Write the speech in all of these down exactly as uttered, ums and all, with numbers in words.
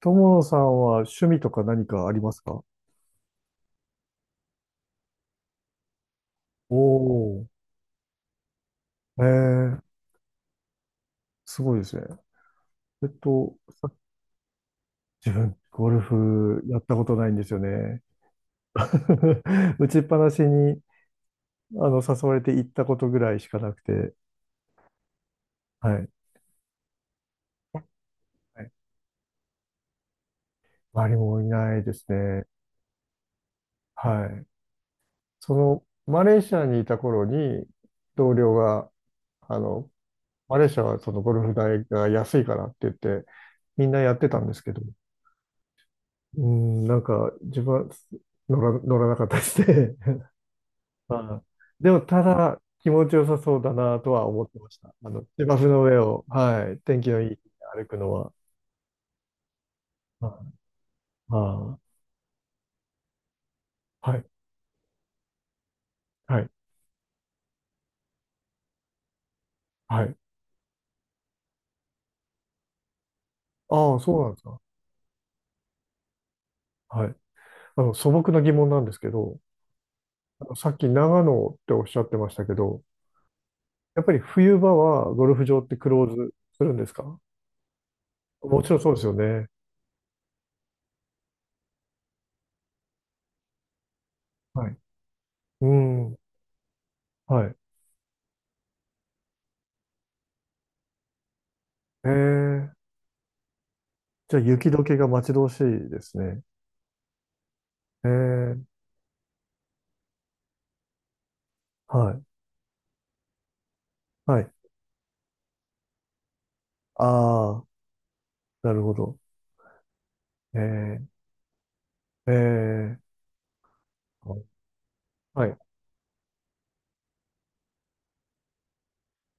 友野さんは趣味とか何かありますか？おおー、えー、すごいですね。えっと、さ自分、ゴルフやったことないんですよね。打ちっぱなしに、あの、誘われて行ったことぐらいしかなくて、はい。はい、周りもいないですね。はい。その、マレーシアにいた頃に、同僚が、あの、マレーシアはそのゴルフ代が安いからって言って、みんなやってたんですけど、うん、なんか、自分は乗ら、乗らなかったですね。あでも、ただ、気持ちよさそうだなとは思ってました。あの、芝生の上を、はい、天気のいい日に歩くのは。はい。ああ、はい、はい、はい。ああ、そうなんですか。はい。あの、素朴な疑問なんですけど、あのさっき長野っておっしゃってましたけど、やっぱり冬場はゴルフ場ってクローズするんですか？もちろんそうですよね。はい。うん。はい。ええ、じゃあ雪解けが待ち遠しいですね。えー、はい、はい。ああ、なるほど。えー、えー、はい。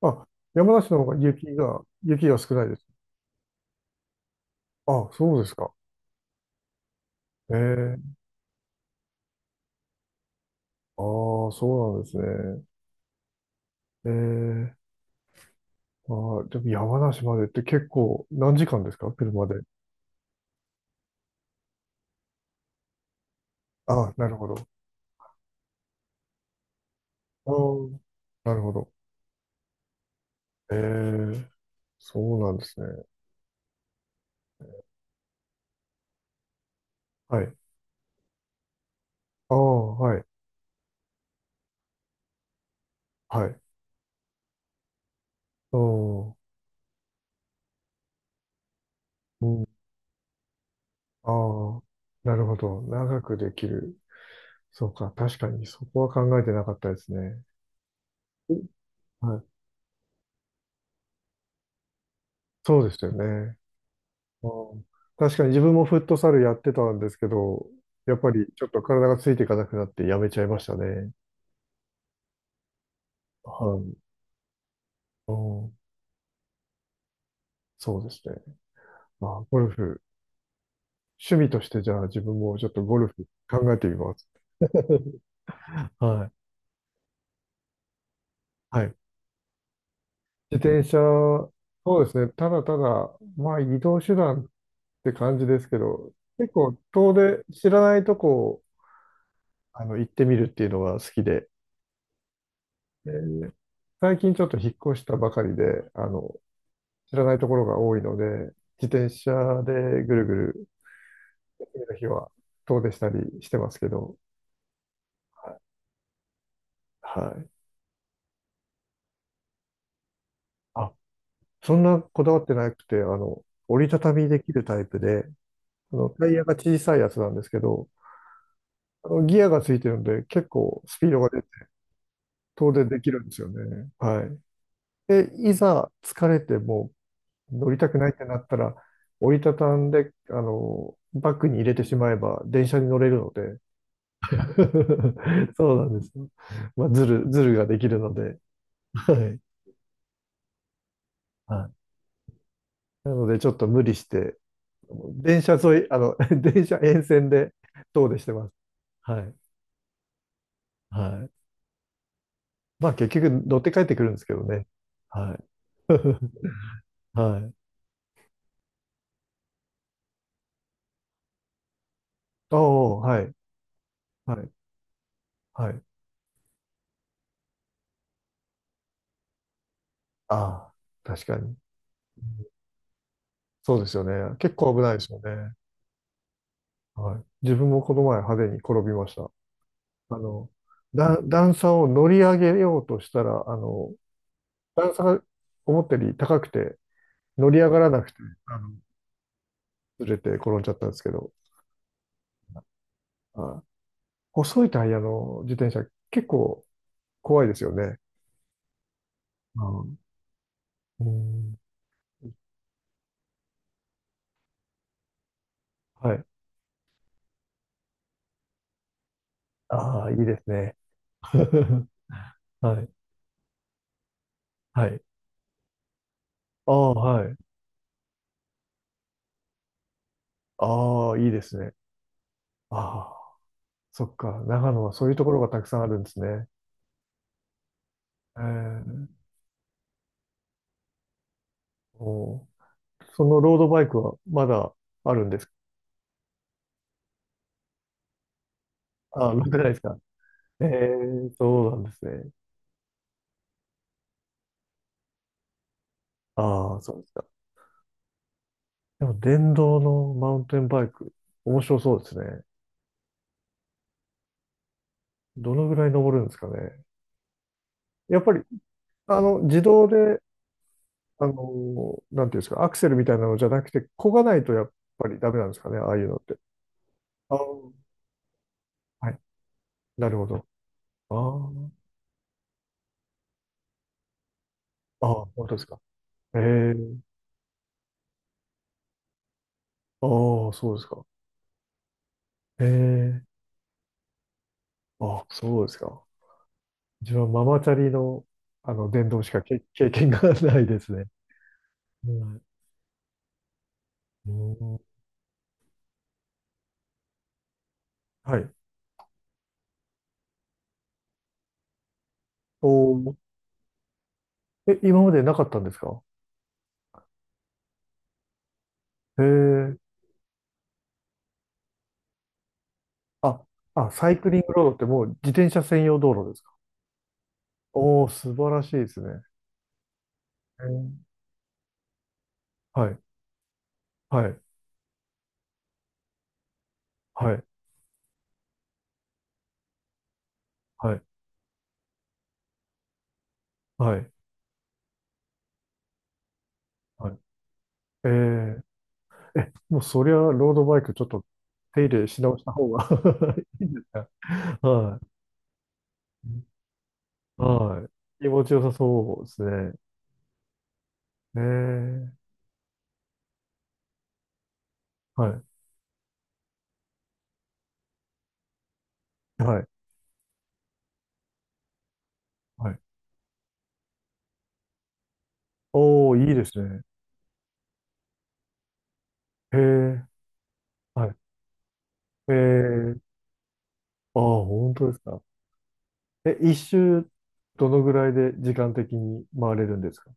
あ、山梨の方が雪が、雪が少ないです。あ、そうですか。えー、ああ、そうなんですね。えー、あー、でも山梨までって結構何時間ですか車で。あなるほど。ああ、なるほど。えー、そうなんですね。はい。ああ、はい、はい。ああ、うん。ああ、なるほど。長くできる。そうか。確かに、そこは考えてなかったですね。おはい。そうですよね。あー、確かに自分もフットサルやってたんですけど、やっぱりちょっと体がついていかなくなってやめちゃいましたね。はい。うん、そうですね。まあー、ゴルフ。趣味としてじゃあ自分もちょっとゴルフ考えてみます。はい。はい。自転車、そうですね。ただただ、まあ移動手段って感じですけど、結構遠出、知らないとこをあの行ってみるっていうのが好きで、えー最近ちょっと引っ越したばかりで、あの、知らないところが多いので、自転車でぐるぐる、次の日は遠出したりしてますけど、はい。あ、そんなこだわってなくて、あの、折りたたみできるタイプで、あの、タイヤが小さいやつなんですけど、あの、ギアがついてるので、結構スピードが出て、遠出できるんですよね。はい。で、いざ疲れても乗りたくないってなったら、折りたたんで、あの、バッグに入れてしまえば電車に乗れるので。そうなんですよ。まあ、ズル、ズルができるので。はい。はい。なので、ちょっと無理して、電車沿い、あの、電車沿線で遠出してます。はい。はい。まあ、結局乗って帰ってくるんですけどね。はい。はい。ああ、はい。はい。はい。ああ、確かに。そうですよね。結構危ないですよね。はい。自分もこの前派手に転びました。あの、だ、段差を乗り上げようとしたら、あの、段差が思ったより高くて、乗り上がらなくて、あの、ずれて転んじゃったんですけど、はい。細いタイヤの自転車、結構怖いですよね。うん。うん。はい。ああ、いいですね。はい。はい。ああ、はい。ああ、いいですね。ああ、そっか。長野はそういうところがたくさんあるんですね。ええ、おー、そのロードバイクはまだあるんですか？あ、まだないですか？ええ、そうなんですね。ああ、そうですか。でも電動のマウンテンバイク、面白そうですね。どのぐらい登るんですかね。やっぱり、あの、自動で、あの、なんていうんですか、アクセルみたいなのじゃなくて、漕がないとやっぱりダメなんですかね、ああいうのって。ああ、はい、なるほど。ああ、ああ、本当ですか。ええ、ああ、そうですか。ええ、ああ、そうですか。自分はママチャリの、あの電動しかけ経験がないですね。うん、うん、はい。おー、え、今までなかったんですか？へえ。あ、あ、サイクリングロードってもう自転車専用道路ですか？おー、素晴らしいですね。へー、はい、はい、はい、はい、はい、はい。えー、え、もうそりゃロードバイクちょっと手入れし直した方が いいんですか？はい。はい。気持ちよさそうですね。えー、はい。はい。はい。おお、いいですね。へえ、はい。ええ、ああ、本当ですか。え、一周、どのぐらいで時間的に回れるんですか？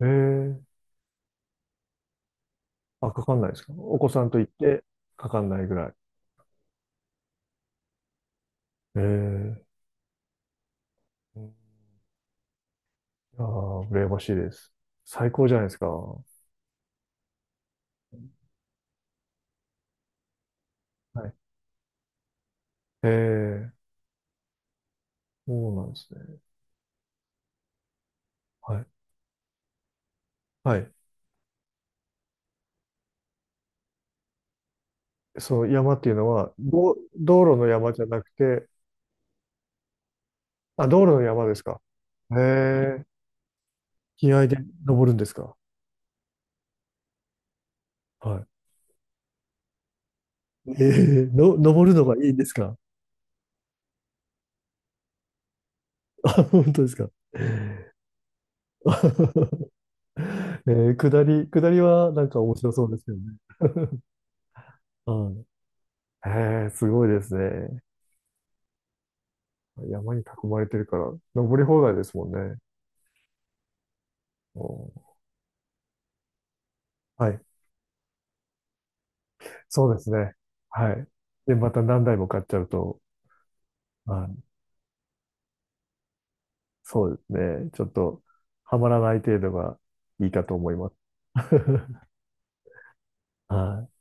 ええ、あ、かかんないですか？お子さんと行って、かかんないぐらい。ええ、ああ、羨ましいです。最高じゃないですか。はい。ええ、そうなんですね。はい。はい。その山っていうのは、ど、道路の山じゃなくて、あ、道路の山ですか。ええ、気合で登るんですか？はい。ええの、登るのがいいんですか？あ、本当ですか？ えー、下り、下りはなんか面白そうですよね。はい。ええ、すごいですね。山に囲まれてるから、登り放題ですもんね。おー、はい。そうですね。はい。で、また何台も買っちゃうと、はい。そうですね。ちょっと、はまらない程度がいいかと思います。はい。